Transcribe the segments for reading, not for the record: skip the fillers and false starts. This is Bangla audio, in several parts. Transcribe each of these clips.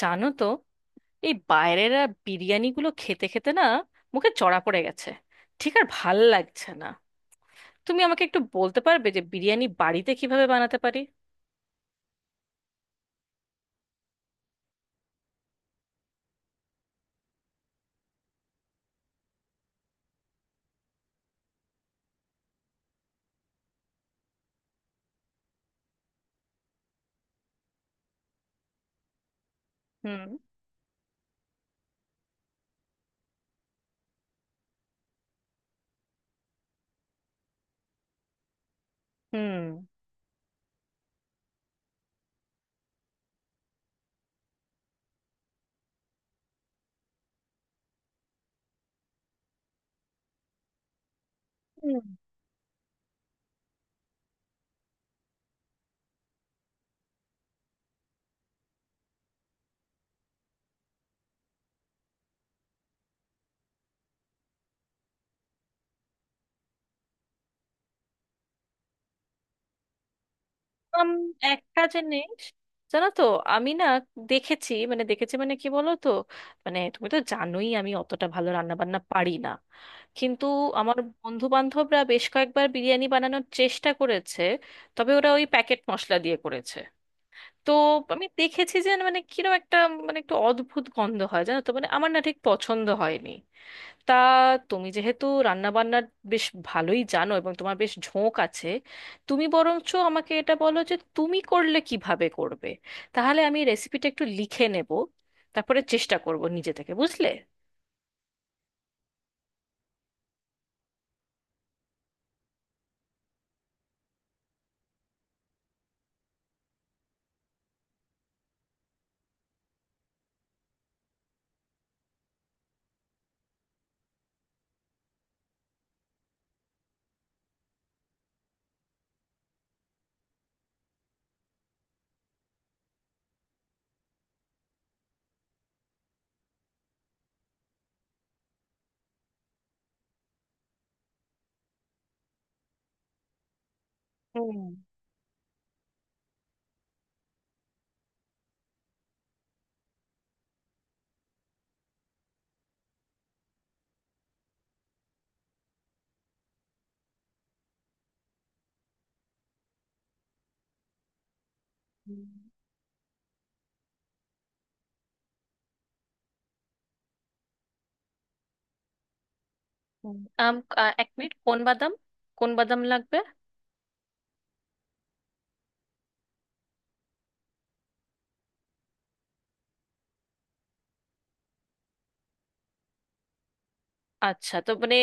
জানো তো, এই বাইরের আর বিরিয়ানিগুলো খেতে খেতে না মুখে চড়া পড়ে গেছে, ঠিক আর ভাল লাগছে না। তুমি আমাকে একটু বলতে পারবে যে বিরিয়ানি বাড়িতে কিভাবে বানাতে পারি? হুম হুম হুম, আম, একটা জিনিস, জানো তো, আমি না দেখেছি, মানে কি বলো তো, মানে তুমি তো জানোই আমি অতটা ভালো রান্না বান্না পারি না, কিন্তু আমার বন্ধু বান্ধবরা বেশ কয়েকবার বিরিয়ানি বানানোর চেষ্টা করেছে, তবে ওরা ওই প্যাকেট মশলা দিয়ে করেছে। তো আমি দেখেছি যে মানে কিরকম একটা, মানে একটু অদ্ভুত গন্ধ হয়, জানো তো, মানে আমার না ঠিক পছন্দ হয়নি। তা তুমি যেহেতু রান্না বান্নার বেশ ভালোই জানো এবং তোমার বেশ ঝোঁক আছে, তুমি বরঞ্চ আমাকে এটা বলো যে তুমি করলে কিভাবে করবে, তাহলে আমি রেসিপিটা একটু লিখে নেব, তারপরে চেষ্টা করব নিজে থেকে, বুঝলে? হুম, হুম, হুম। আম আ, এক মিনিট, কোন বাদাম? কোন বাদাম লাগবে? আচ্ছা, তো মানে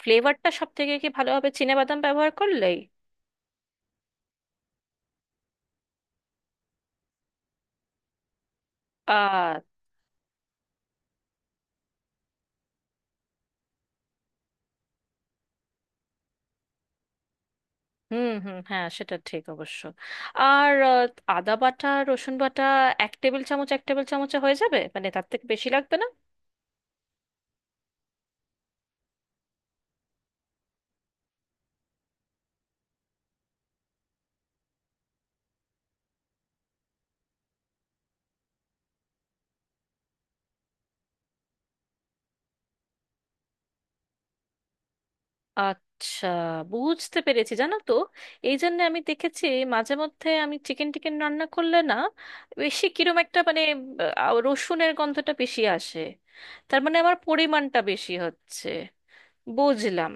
ফ্লেভারটা সব থেকে কি ভালো হবে চিনে বাদাম ব্যবহার করলেই? হুম হুম, হ্যাঁ সেটা ঠিক অবশ্য। আর আদা বাটা রসুন বাটা এক টেবিল চামচ এক টেবিল চামচে হয়ে যাবে? মানে তার থেকে বেশি লাগবে না? আচ্ছা, বুঝতে পেরেছি। জানো তো, এই জন্য আমি দেখেছি মাঝে মধ্যে আমি চিকেন টিকেন রান্না করলে না বেশি কিরম একটা, মানে রসুনের গন্ধটা বেশি আসে। তার মানে আমার পরিমাণটা বেশি হচ্ছে, বুঝলাম।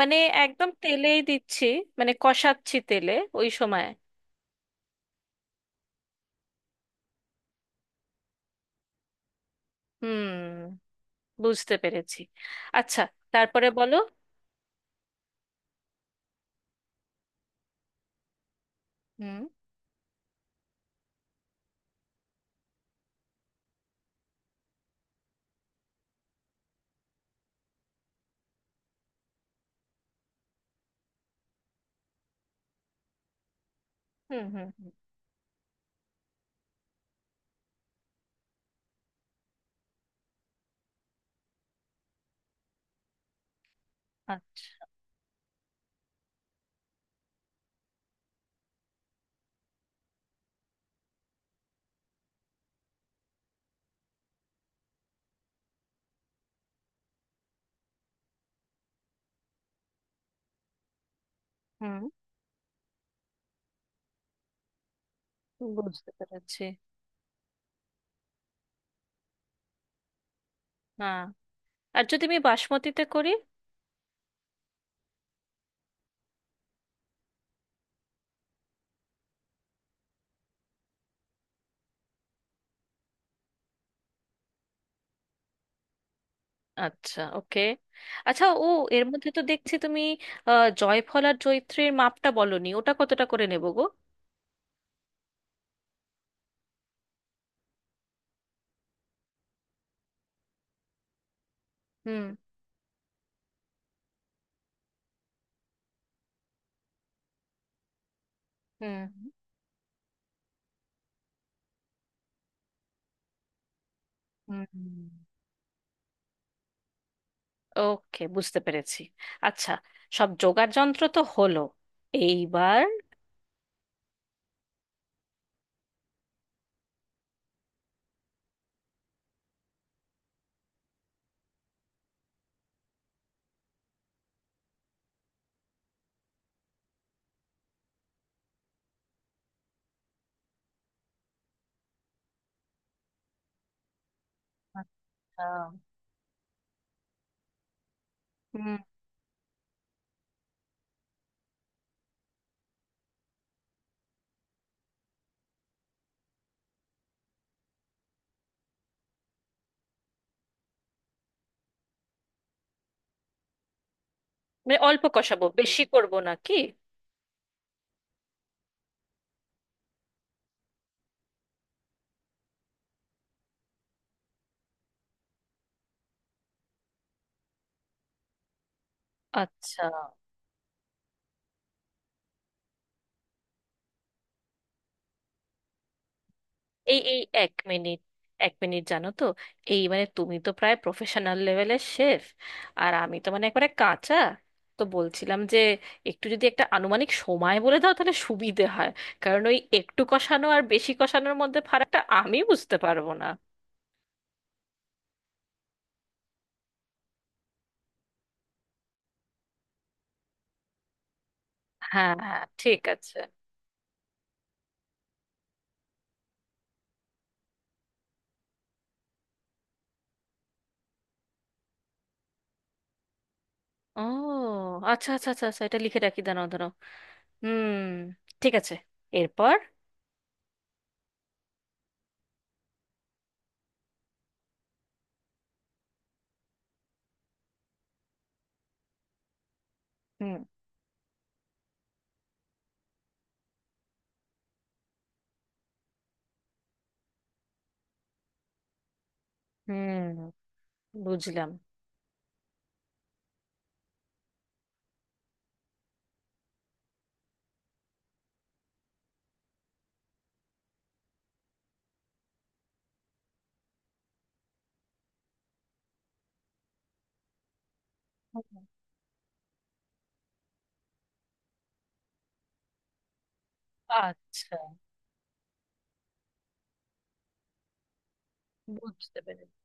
মানে একদম তেলেই দিচ্ছি, মানে কষাচ্ছি তেলে, ওই সময়। হুম, বুঝতে পেরেছি। আচ্ছা, তারপরে বলো। হুম হুম হুম হুম। আচ্ছা। হুম, বুঝতে পেরেছি। হ্যাঁ। আর যদি আমি বাসমতিতে করি? আচ্ছা, ওকে। আচ্ছা, ও, এর মধ্যে তো দেখছি তুমি জয়ফল আর জয়িত্রীর মাপটা বলনি, ওটা কতটা করে নেব গো? হুম হুম হুম হুম। ওকে, বুঝতে পেরেছি। আচ্ছা, সব জোগাড় যন্ত্র তো হলো, এইবার? আচ্ছা। হুম। মানে অল্প কষাবো বেশি করব না কি? আচ্ছা। এই এই এক মিনিট, এক মিনিট, জানো তো, এই মানে তুমি তো প্রায় প্রফেশনাল লেভেলের শেফ, আর আমি তো মানে একবারে কাঁচা। তো বলছিলাম যে একটু যদি একটা আনুমানিক সময় বলে দাও তাহলে সুবিধে হয়, কারণ ওই একটু কষানো আর বেশি কষানোর মধ্যে ফারাকটা আমি বুঝতে পারবো না। হ্যাঁ হ্যাঁ, ঠিক আছে। ও, আচ্ছা আচ্ছা আচ্ছা আচ্ছা, এটা লিখে রাখি, দাঁড়াও দাঁড়াও। হুম, ঠিক আছে, এরপর? হুম হুম, বুঝলাম। হুম, আচ্ছা, বুঝতে পেরেছি।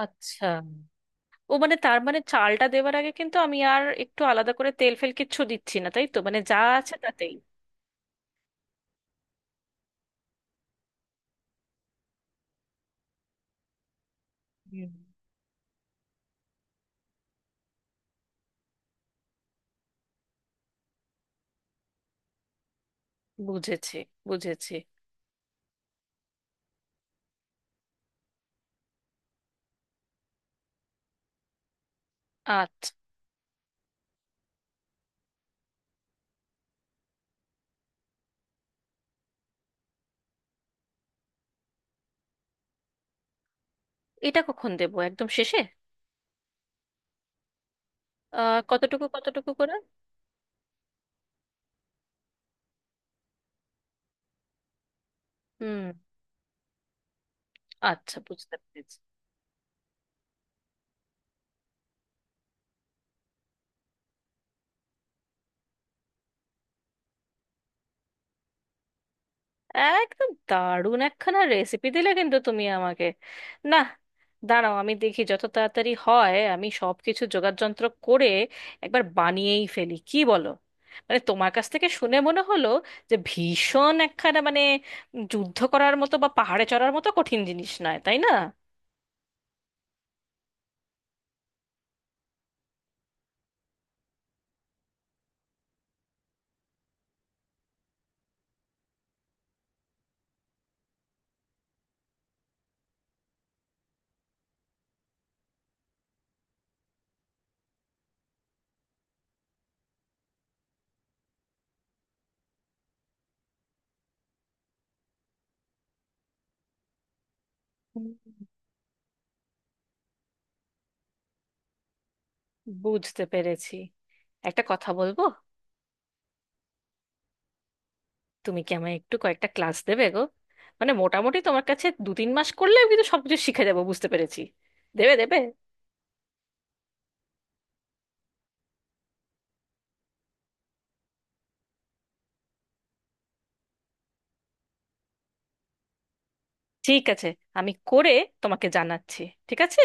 আচ্ছা, ও মানে তার মানে চালটা দেওয়ার আগে কিন্তু আমি আর একটু আলাদা করে তেল ফেল কিচ্ছু দিচ্ছি না তাই তো? মানে যা আছে তাতেই। হুম। বুঝেছি, বুঝেছি। আচ্ছা, এটা কখন দেবো, একদম শেষে? আহ, কতটুকু কতটুকু করে? হুম, আচ্ছা, বুঝতে পেরেছি। একদম দারুণ একখানা রেসিপি দিলে কিন্তু তুমি আমাকে। না, দাঁড়াও, আমি দেখি যত তাড়াতাড়ি হয় আমি সব কিছু যোগাড়যন্ত্র করে একবার বানিয়েই ফেলি, কি বলো? মানে তোমার কাছ থেকে শুনে মনে হলো যে ভীষণ একখানা মানে যুদ্ধ করার মতো বা পাহাড়ে চড়ার মতো কঠিন জিনিস নয়, তাই না? হুম। বুঝতে পেরেছি। একটা কথা বলবো? তুমি কি আমায় একটু কয়েকটা ক্লাস দেবে গো? মানে মোটামুটি তোমার কাছে 2-3 মাস করলে আমি কিন্তু সবকিছু শিখে যাবো, বুঝতে পেরেছি। দেবে, দেবে? ঠিক আছে, আমি করে তোমাকে জানাচ্ছি, ঠিক আছে?